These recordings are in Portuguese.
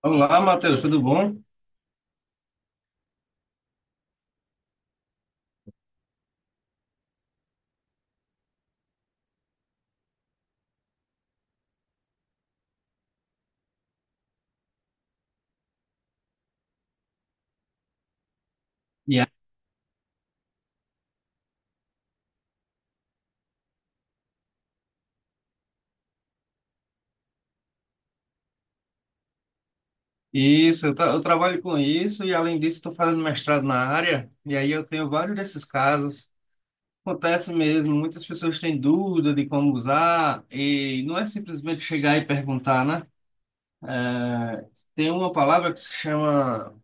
Olá, Matheus, tudo bom? E aí, isso, eu trabalho com isso e além disso estou fazendo mestrado na área e aí eu tenho vários desses casos. Acontece mesmo, muitas pessoas têm dúvida de como usar e não é simplesmente chegar e perguntar, né? Tem uma palavra que se chama,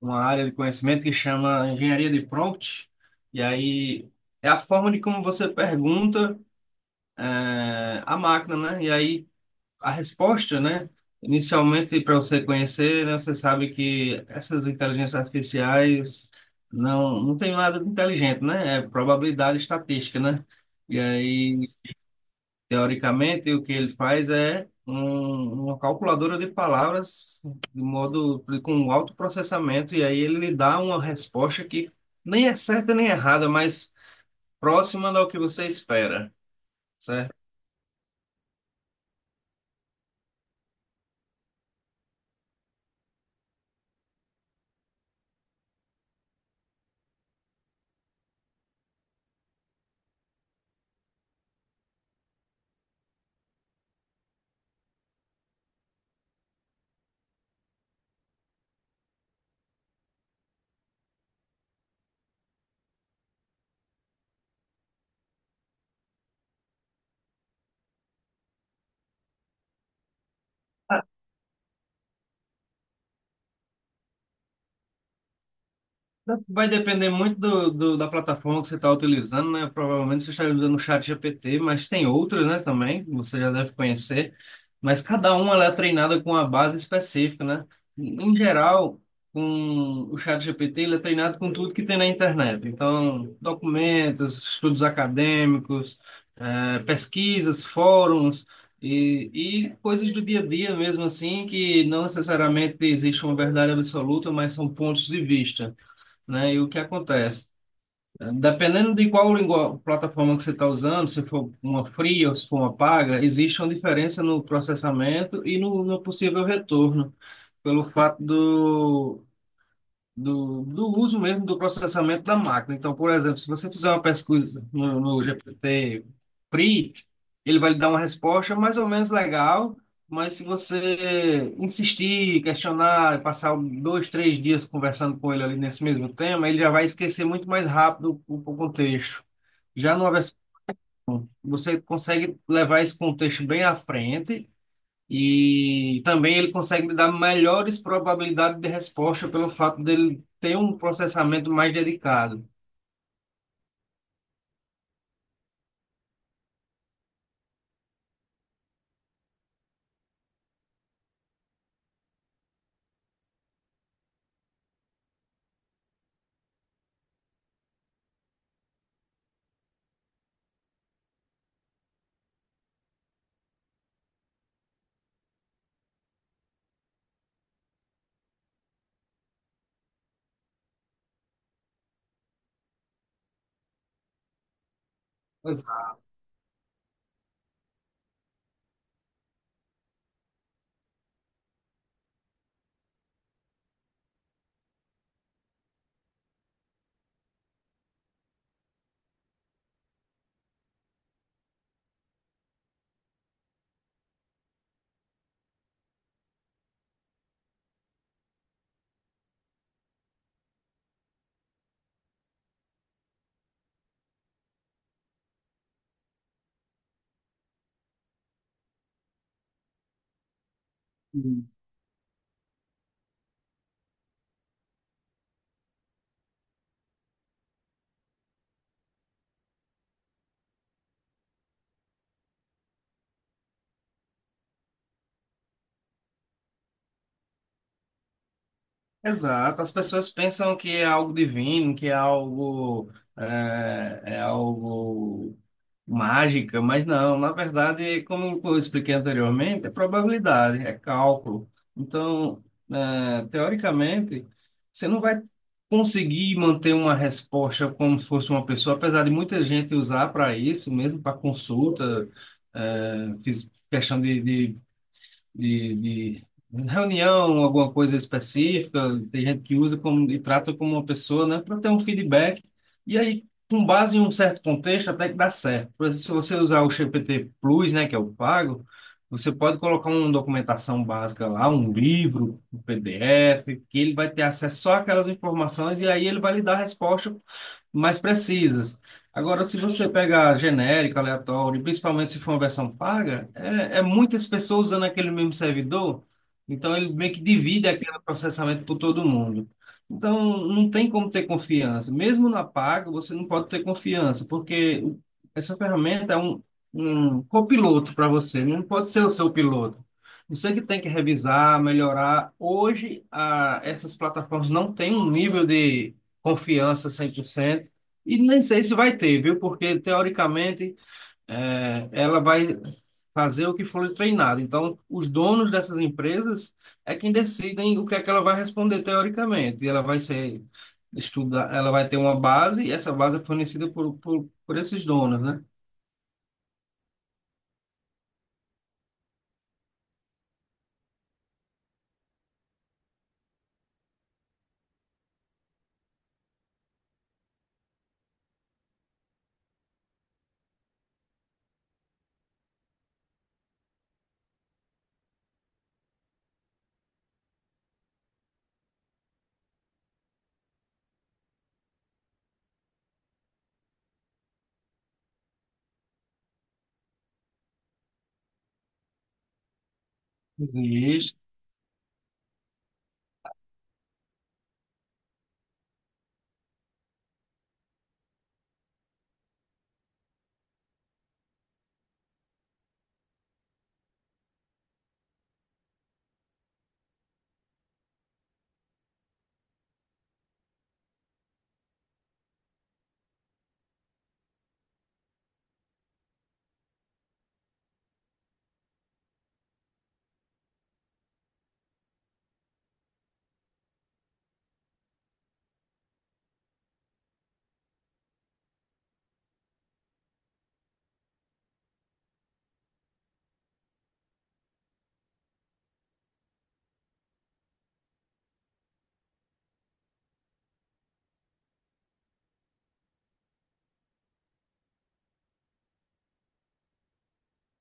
uma área de conhecimento que chama engenharia de prompt, e aí é a forma de como você pergunta à máquina, né? E aí a resposta, né? Inicialmente, para você conhecer, né, você sabe que essas inteligências artificiais não tem nada de inteligente, né? É probabilidade estatística, né? E aí, teoricamente, o que ele faz é uma calculadora de palavras de modo com um alto processamento, e aí ele lhe dá uma resposta que nem é certa nem errada, mas próxima do que você espera. Vai depender muito da plataforma que você está utilizando, né? Provavelmente você está usando o ChatGPT, mas tem outras, né, também, que você já deve conhecer. Mas cada uma ela é treinada com uma base específica, né? Em geral, com o ChatGPT ele é treinado com tudo que tem na internet. Então, documentos, estudos acadêmicos, pesquisas, fóruns e, e coisas do dia a dia mesmo assim, que não necessariamente existe uma verdade absoluta, mas são pontos de vista, né? E o que acontece? Dependendo de qual lingua- plataforma que você está usando, se for uma fria ou se for uma paga, existe uma diferença no processamento e no possível retorno, pelo fato do uso mesmo do processamento da máquina. Então, por exemplo, se você fizer uma pesquisa no GPT PRI, ele vai lhe dar uma resposta mais ou menos legal, mas se você insistir, questionar, passar um, dois, três dias conversando com ele ali nesse mesmo tema, ele já vai esquecer muito mais rápido o contexto. Já numa você consegue levar esse contexto bem à frente e também ele consegue me dar melhores probabilidades de resposta pelo fato dele ter um processamento mais dedicado. Exato. Exato, as pessoas pensam que é algo divino, que é algo, é algo mágica, mas não, na verdade, como eu expliquei anteriormente, é probabilidade, é cálculo. Então, teoricamente, você não vai conseguir manter uma resposta como se fosse uma pessoa, apesar de muita gente usar para isso, mesmo para consulta, fiz questão de reunião, alguma coisa específica, tem gente que usa como, e trata como uma pessoa, né, para ter um feedback. E aí, com base em um certo contexto, até que dá certo. Por exemplo, se você usar o GPT Plus, né, que é o pago, você pode colocar uma documentação básica lá, um livro, um PDF, que ele vai ter acesso só àquelas informações e aí ele vai lhe dar a resposta mais precisas. Agora, se você pegar genérico, aleatório, principalmente se for uma versão paga, é muitas pessoas usando aquele mesmo servidor, então ele meio que divide aquele processamento por todo mundo. Então, não tem como ter confiança. Mesmo na paga, você não pode ter confiança, porque essa ferramenta é um copiloto para você, né? Não pode ser o seu piloto. Você que tem que revisar, melhorar. Hoje, essas plataformas não têm um nível de confiança 100%. E nem sei se vai ter, viu? Porque, teoricamente, ela vai fazer o que for treinado. Então, os donos dessas empresas é quem decidem o que é que ela vai responder, teoricamente. E ela vai ser estudar, ela vai ter uma base, e essa base é fornecida por esses donos, né? Existe.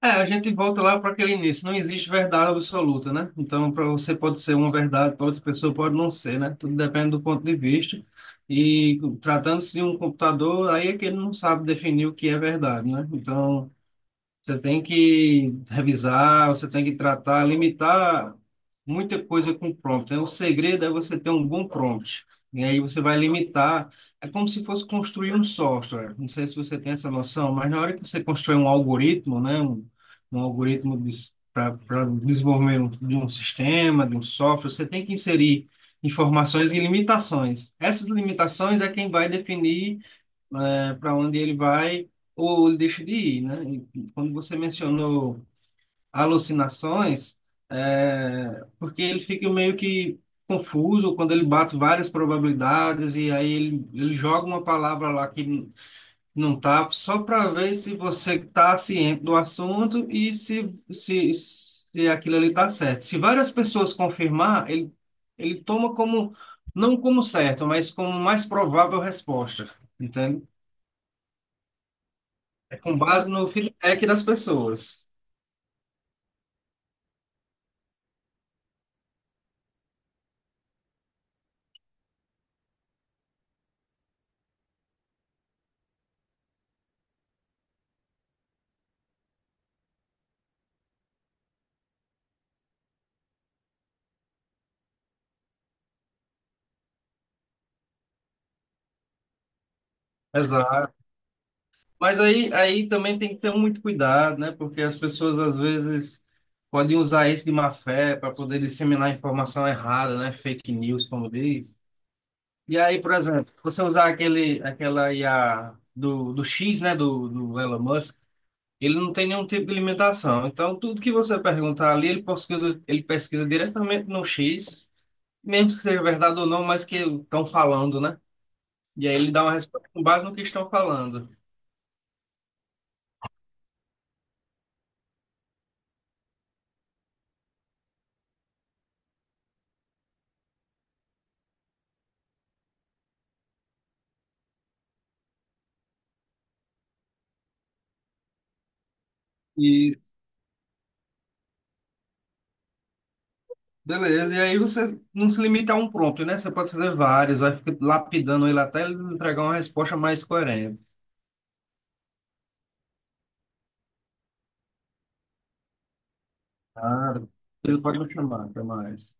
É, a gente volta lá para aquele início. Não existe verdade absoluta, né? Então, para você pode ser uma verdade, para outra pessoa pode não ser, né? Tudo depende do ponto de vista. E tratando-se de um computador, aí é que ele não sabe definir o que é verdade, né? Então, você tem que revisar, você tem que tratar, limitar muita coisa com prompt, né? O segredo é você ter um bom prompt. E aí você vai limitar. É como se fosse construir um software. Não sei se você tem essa noção, mas na hora que você constrói um algoritmo, né? Um algoritmo para desenvolvimento de um sistema, de um software, você tem que inserir informações e limitações. Essas limitações é quem vai definir para onde ele vai ou ele deixa de ir, né? E quando você mencionou alucinações, é, porque ele fica meio que confuso quando ele bate várias probabilidades e aí ele joga uma palavra lá não tá, só para ver se você tá ciente do assunto e se aquilo ali tá certo. Se várias pessoas confirmar, ele toma como, não como certo, mas como mais provável resposta, entende? Com base no feedback das pessoas. Exato. Mas aí também tem que ter muito cuidado, né? Porque as pessoas às vezes podem usar isso de má fé para poder disseminar informação errada, né? Fake news, como diz. E aí, por exemplo, você usar aquele, aquela IA do X, né? Do Elon Musk, ele não tem nenhum tipo de limitação. Então, tudo que você perguntar ali, ele pesquisa diretamente no X, mesmo que seja verdade ou não, mas que estão falando, né? E aí ele dá uma resposta com base no que estão falando. E beleza, e aí você não se limita a um prompt, né? Você pode fazer vários, vai ficar lapidando ele até ele entregar uma resposta mais coerente. Ah, ele pode me chamar, até mais.